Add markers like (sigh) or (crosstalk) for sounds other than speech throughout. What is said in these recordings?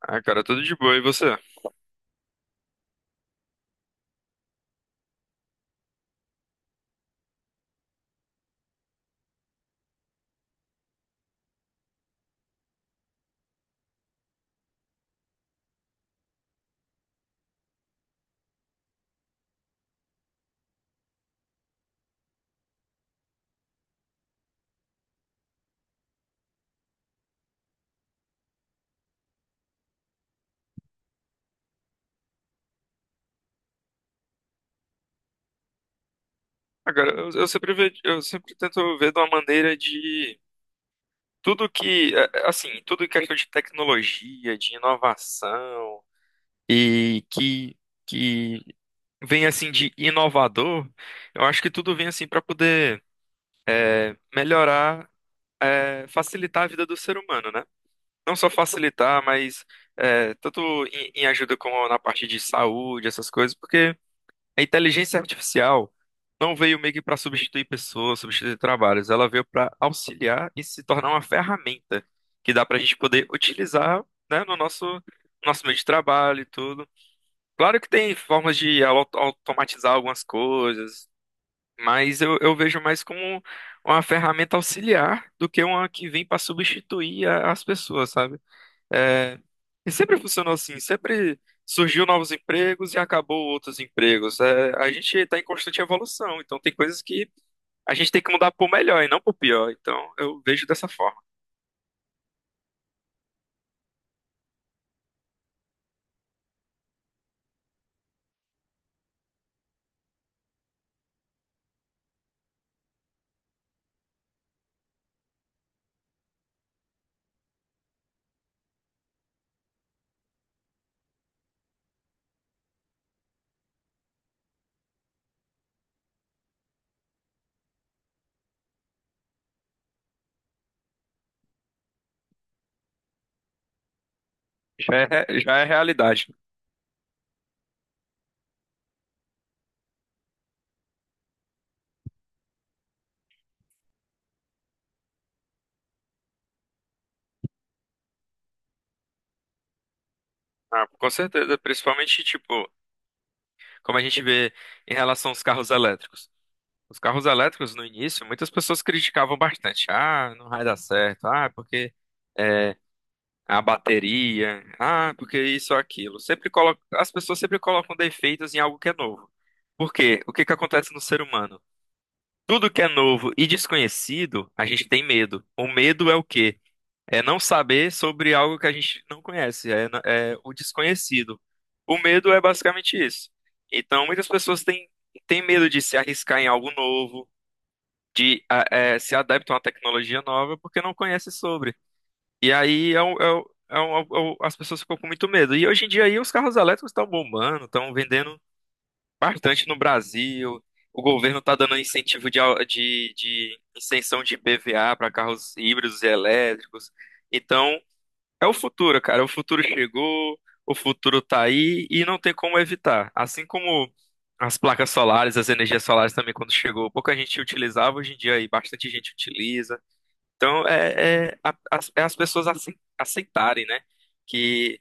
Ah, cara, tudo de boa. E você? Ah, cara, eu sempre tento ver de uma maneira de tudo que, assim, tudo que é questão de tecnologia, de inovação e que vem assim de inovador, eu acho que tudo vem assim para poder melhorar facilitar a vida do ser humano, né? Não só facilitar, mas tanto em ajuda como na parte de saúde, essas coisas, porque a inteligência artificial não veio meio que para substituir pessoas, substituir trabalhos, ela veio para auxiliar e se tornar uma ferramenta que dá para a gente poder utilizar, né, no nosso meio de trabalho e tudo. Claro que tem formas de automatizar algumas coisas, mas eu vejo mais como uma ferramenta auxiliar do que uma que vem para substituir as pessoas, sabe? É, e sempre funcionou assim, sempre surgiu novos empregos e acabou outros empregos. É, a gente está em constante evolução, então tem coisas que a gente tem que mudar para o melhor e não para o pior. Então eu vejo dessa forma. Já é, já é realidade. Ah, com certeza, principalmente tipo, como a gente vê em relação aos carros elétricos. Os carros elétricos no início, muitas pessoas criticavam bastante. Ah, não vai dar certo. Ah, porque é, a bateria, ah, porque isso ou aquilo. Sempre coloca, as pessoas sempre colocam defeitos em algo que é novo. Por quê? O que que acontece no ser humano? Tudo que é novo e desconhecido, a gente tem medo. O medo é o quê? É não saber sobre algo que a gente não conhece, é o desconhecido. O medo é basicamente isso. Então, têm medo de se arriscar em algo novo, de se adaptar a uma tecnologia nova, porque não conhecem sobre. E aí as pessoas ficam com muito medo. E hoje em dia aí, os carros elétricos estão bombando, estão vendendo bastante no Brasil. O governo está dando incentivo de isenção de IPVA para carros híbridos e elétricos. Então, é o futuro, cara. O futuro chegou, o futuro tá aí e não tem como evitar. Assim como as placas solares, as energias solares também, quando chegou, pouca gente utilizava, hoje em dia aí bastante gente utiliza. Então, as pessoas aceitarem, né? Que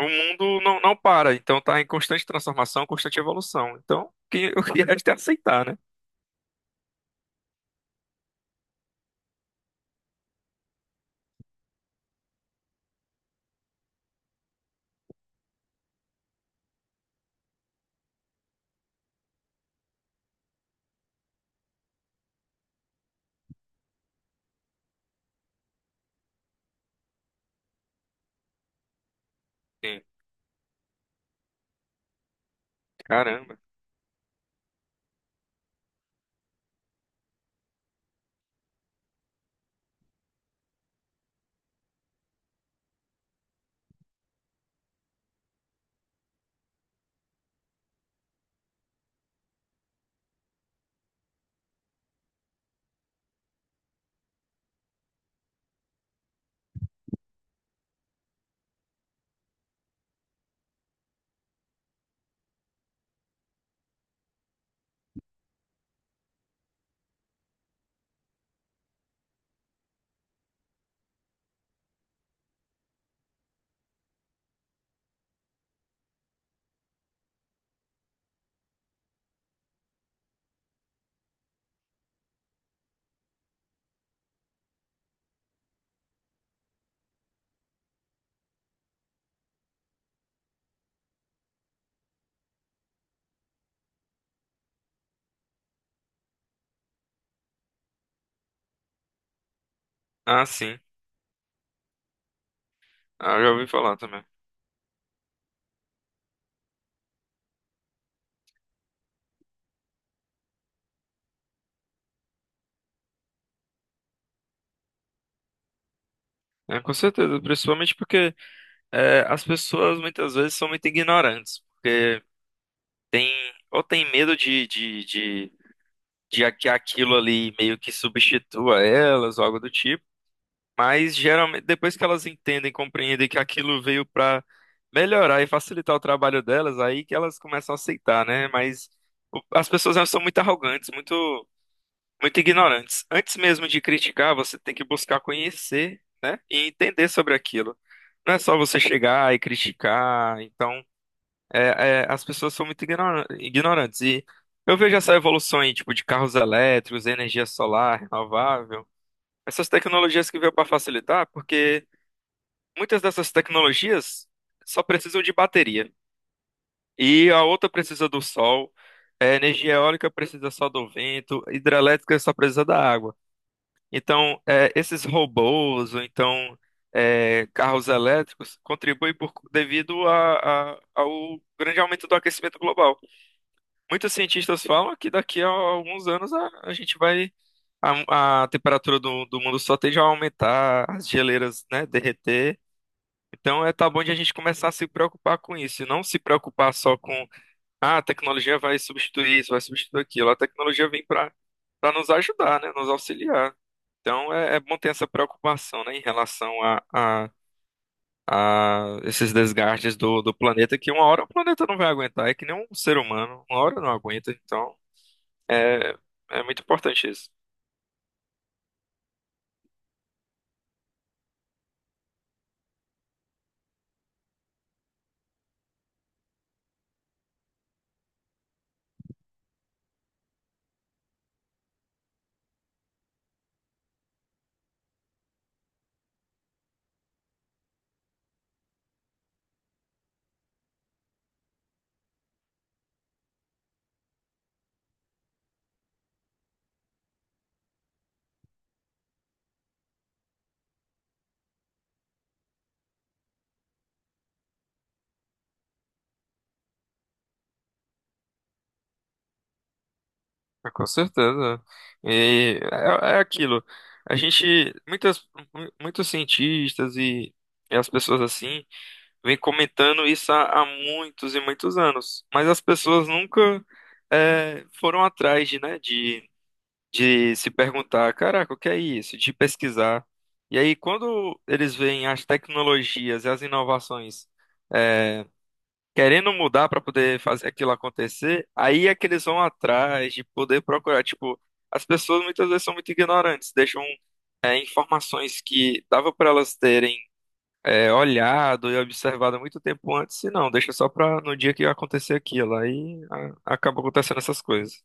o mundo não para, então está em constante transformação, constante evolução. Então, o que (laughs) o que resta é aceitar, né? Sim. Caramba. Ah, sim. Ah, eu já ouvi falar também. É, com certeza, principalmente porque as pessoas muitas vezes são muito ignorantes, porque tem, ou tem medo de que aquilo ali meio que substitua elas ou algo do tipo. Mas geralmente, depois que elas entendem, compreendem que aquilo veio para melhorar e facilitar o trabalho delas, aí que elas começam a aceitar, né? Mas as pessoas elas são muito arrogantes, muito ignorantes. Antes mesmo de criticar, você tem que buscar conhecer, né? E entender sobre aquilo. Não é só você chegar e criticar. Então, é, as pessoas são muito ignorantes. E eu vejo essa evolução aí, tipo, de carros elétricos, energia solar, renovável. Essas tecnologias que veio para facilitar, porque. Muitas dessas tecnologias só precisam de bateria. E a outra precisa do sol, a energia eólica precisa só do vento, hidrelétrica só precisa da água. Então, é, esses robôs, ou então é, carros elétricos, contribuem devido ao grande aumento do aquecimento global. Muitos cientistas falam que daqui a alguns anos a gente vai. A temperatura do, do mundo só tende a aumentar, as geleiras, né, derreter. Então, é, tá bom de a gente começar a se preocupar com isso, e não se preocupar só com, ah, a tecnologia vai substituir isso, vai substituir aquilo. A tecnologia vem para nos ajudar, né, nos auxiliar. Então, é, é bom ter essa preocupação, né, em relação a esses desgastes do, do planeta, que uma hora o planeta não vai aguentar, é que nem um ser humano, uma hora não aguenta. Então, é, é muito importante isso. Ah, com certeza. E é, é aquilo. A gente, muitas, muitos cientistas e as pessoas assim, vêm comentando isso há muitos e muitos anos. Mas as pessoas nunca foram atrás de de se perguntar, caraca, o que é isso? De pesquisar. E aí, quando eles veem as tecnologias e as inovações. é, querendo mudar para poder fazer aquilo acontecer, aí é que eles vão atrás de poder procurar. Tipo, as pessoas muitas vezes são muito ignorantes, deixam informações que dava para elas terem olhado e observado muito tempo antes, e não, deixa só para no dia que acontecer aquilo. Acaba acontecendo essas coisas.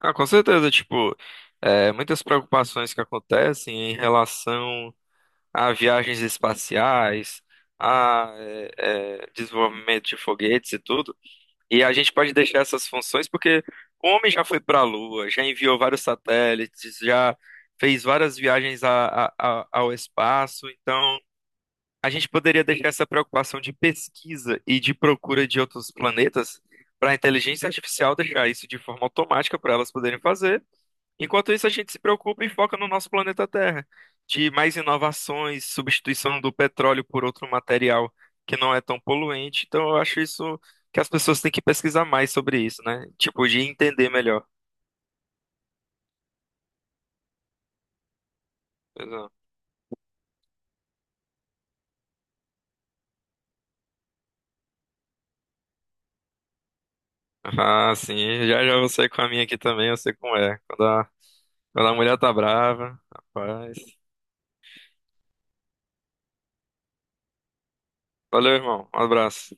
Ah, com certeza, tipo, é, muitas preocupações que acontecem em relação a viagens espaciais, a desenvolvimento de foguetes e tudo. E a gente pode deixar essas funções porque o homem já foi para a Lua, já enviou vários satélites, já fez várias viagens ao espaço. Então, a gente poderia deixar essa preocupação de pesquisa e de procura de outros planetas para a inteligência artificial deixar isso de forma automática para elas poderem fazer. Enquanto isso, a gente se preocupa e foca no nosso planeta Terra, de mais inovações, substituição do petróleo por outro material que não é tão poluente. Então, eu acho isso que as pessoas têm que pesquisar mais sobre isso, né? Tipo, de entender melhor. Pois é. Ah, sim, já já você com a minha aqui também, eu sei como é. Quando quando a mulher tá brava, rapaz. Valeu, irmão. Um abraço.